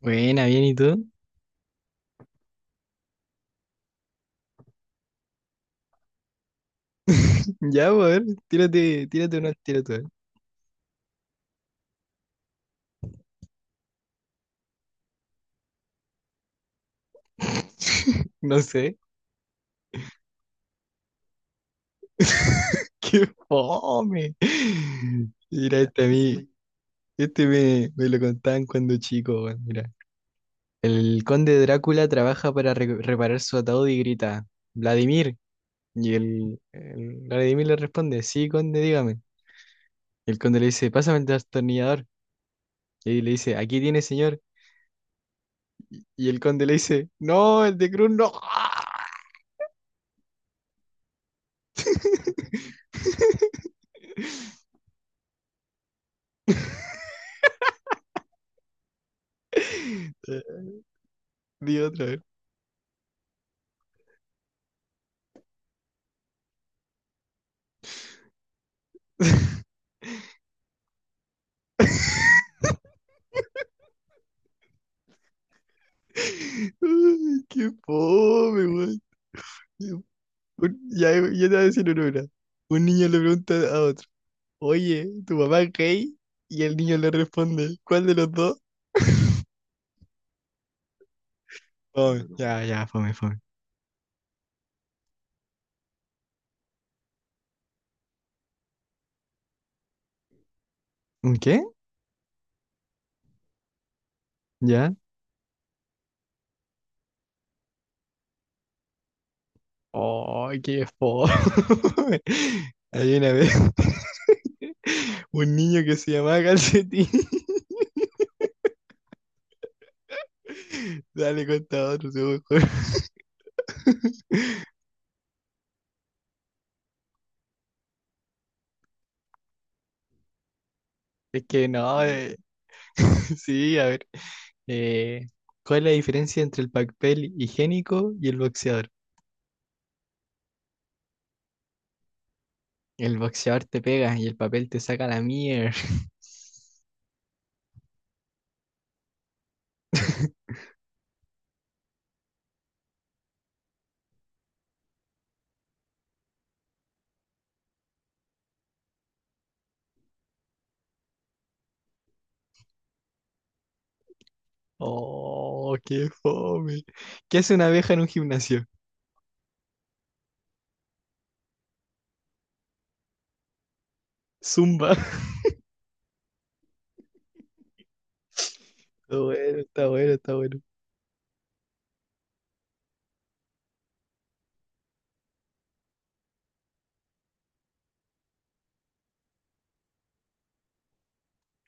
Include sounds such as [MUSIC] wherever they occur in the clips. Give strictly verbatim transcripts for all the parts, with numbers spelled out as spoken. Buena, bien, ¿y tú? [LAUGHS] Ya, pues, a ver, tírate, tírate una, tírate. una. [LAUGHS] No sé. [LAUGHS] ¡Qué fome! Mira, este a mí, este me, me lo contaban cuando chico, weón, mira. El conde Drácula trabaja para re- reparar su ataúd y grita, Vladimir. Y el, el Vladimir le responde, sí, conde, dígame. Y el conde le dice, pásame el destornillador. Y le dice, aquí tiene, señor. Y el conde le dice, no, el de Cruz no. [LAUGHS] [LAUGHS] Di otra vez. [LAUGHS] Ay, qué fome, weón. Un- Ya, ya te voy a decir una. ahora. Un niño le pregunta a otro, oye, ¿tu papá es gay? Y el niño le responde, ¿cuál de los dos? Fome. Ya, ya, fome, fome. ¿Un qué? ¿Ya? Oh, qué fome. [LAUGHS] Hay una vez [LAUGHS] un niño que se llamaba Calcetín. [LAUGHS] Dale, cuenta otro, se me ocurre. [LAUGHS] Es que no, eh, [LAUGHS] Sí, a ver. eh, ¿cuál es la diferencia entre el papel higiénico y el boxeador? El boxeador te pega y el papel te saca la mierda. [LAUGHS] Oh, qué fome. ¿Qué hace una abeja en un gimnasio? Zumba. [LAUGHS] Está bueno, está bueno, está bueno.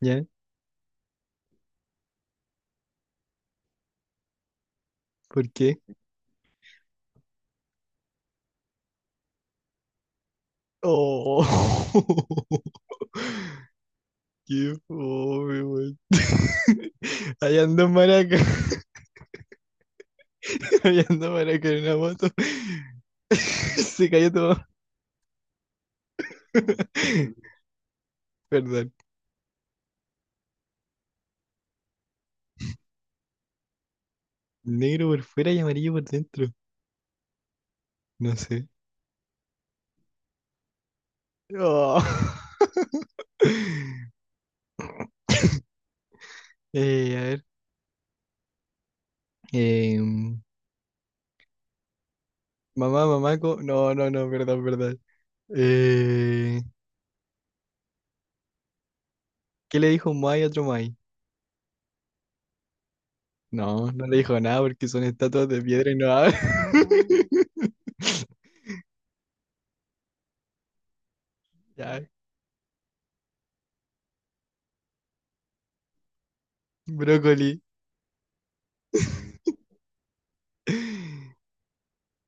¿Ya? ¿Por qué? Oh, [LAUGHS] qué fome, weón. [LAUGHS] Allá andó maraca. [LAUGHS] Allá andó maraca [LAUGHS] en una moto. [LAUGHS] Se cayó todo. [LAUGHS] Perdón. Negro por fuera y amarillo por dentro. No sé. Oh. [LAUGHS] Eh, a ver. eh, mamá, mamaco. No, no, no, perdón, perdón. Eh, ¿qué le dijo un Moai a otro Moai? No, no le dijo nada porque son estatuas de piedra y no hablan. [LAUGHS] Ya, brócoli.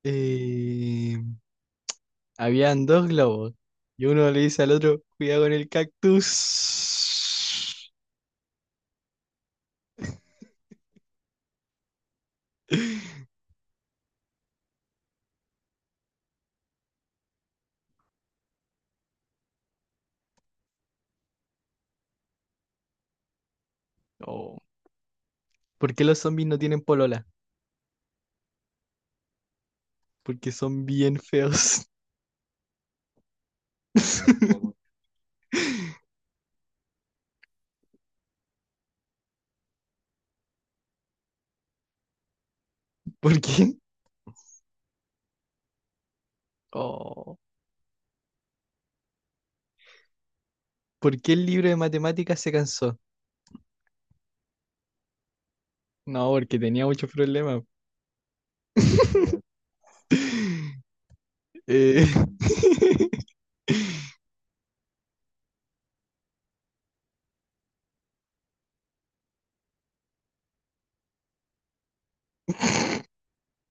Eh, habían dos globos y uno le dice al otro, cuidado con el cactus. [LAUGHS] Oh, ¿por qué los zombies no tienen polola? Porque son bien feos. [LAUGHS] ¿Por qué? Oh, ¿por qué el libro de matemáticas se cansó? No, porque tenía muchos problemas. [LAUGHS] Eh, [LAUGHS]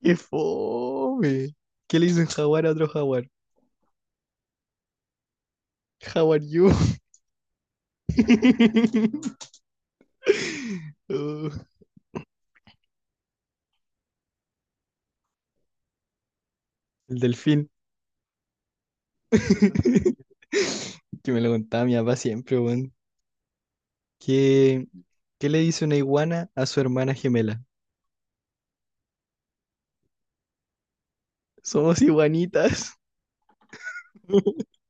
¡Qué fome! ¿Qué le hizo un jaguar a otro jaguar? How are you? [LAUGHS] Oh, el delfín. [LAUGHS] Que me lo contaba mi papá siempre, weón. ¿Qué, qué le dice una iguana a su hermana gemela? Somos iguanitas. [LAUGHS]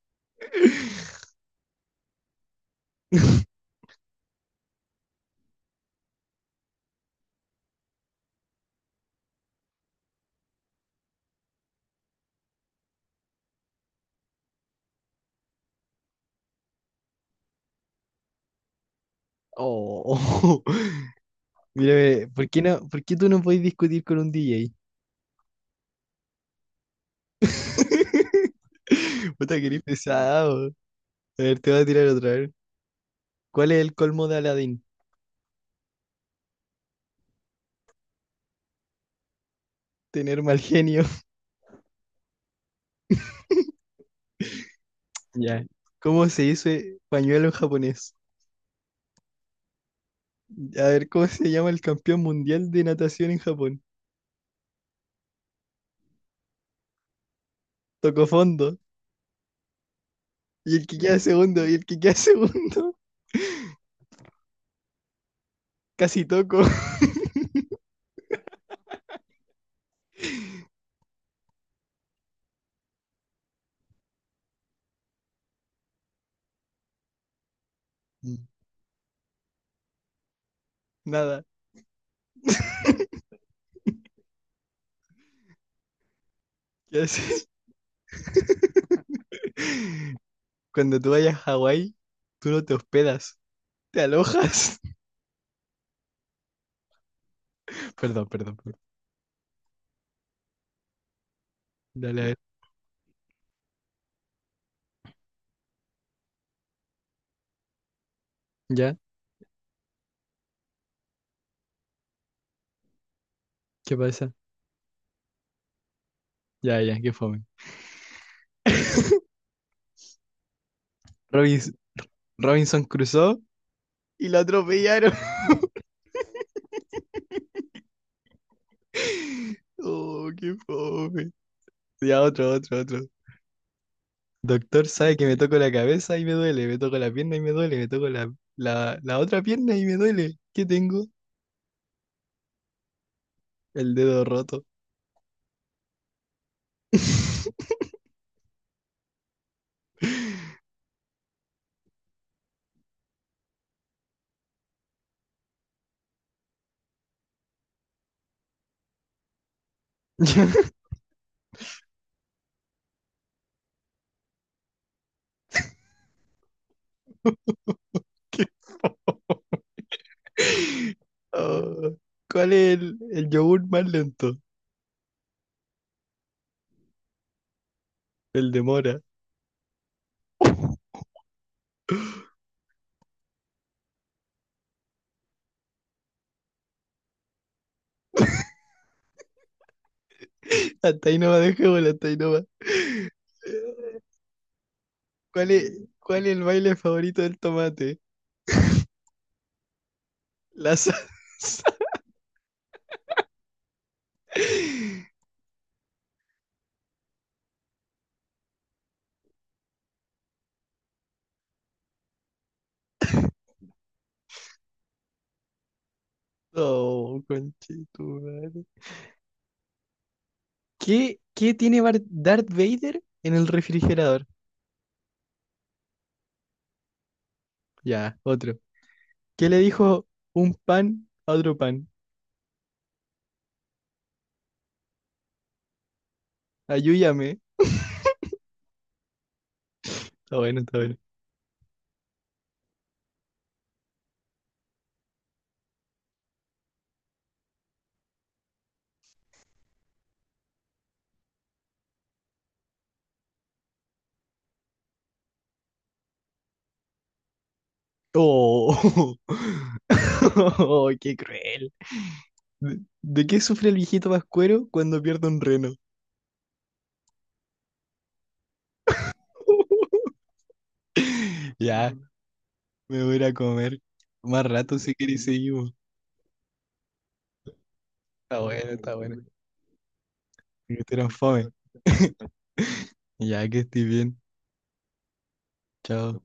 Oh, [LAUGHS] mírame, ¿por qué no, ¿por qué tú no puedes discutir con un D J? [LAUGHS] Puta, que eres pesado. A ver, te voy a tirar otra vez. ¿Cuál es el colmo de Aladdin? Tener mal genio. [LAUGHS] Ya. ¿Cómo se dice pañuelo en japonés? A ver, ¿cómo se llama el campeón mundial de natación en Japón? Tocó fondo. Y el que queda segundo, y el que queda [LAUGHS] segundo. Casi toco. [LAUGHS] Nada. [LAUGHS] ¿Qué haces? [LAUGHS] Cuando tú vayas a Hawái, tú no te hospedas, te alojas. [LAUGHS] Perdón, perdón, perdón. Dale a ver. ¿Ya? ¿Qué pasa? Ya, ya, qué fome. [LAUGHS] Robins- Robinson cruzó y lo atropellaron. [LAUGHS] Oh, qué fome. Ya, otro, otro, otro. Doctor sabe que me toco la cabeza y me duele, me toco la pierna y me duele, me toco la, la, la otra pierna y me duele. ¿Qué tengo? El dedo roto. [LAUGHS] Qué fo- Oh, ¿cuál es el, el yogur más lento? El de mora. [LAUGHS] Hasta ahí no va, dejémoslo, hasta ahí no va. ¿Cuál es, ¿cuál es el baile favorito del tomate? La salsa. [LAUGHS] Oh, conchetumare. ¿Qué, qué tiene Bar- Darth Vader en el refrigerador? Ya, otro. ¿Qué le dijo un pan a otro pan? Ayúdame. Está bueno, está bueno. Oh, [LAUGHS] oh, qué cruel. ¿De, de qué sufre el viejito vascuero cuando pierde un reno? [LAUGHS] Ya, me voy a ir a comer. Más rato si queréis seguimos. Está bueno, está bueno. Que estuvieran fome. [LAUGHS] Ya que estoy bien. Chao.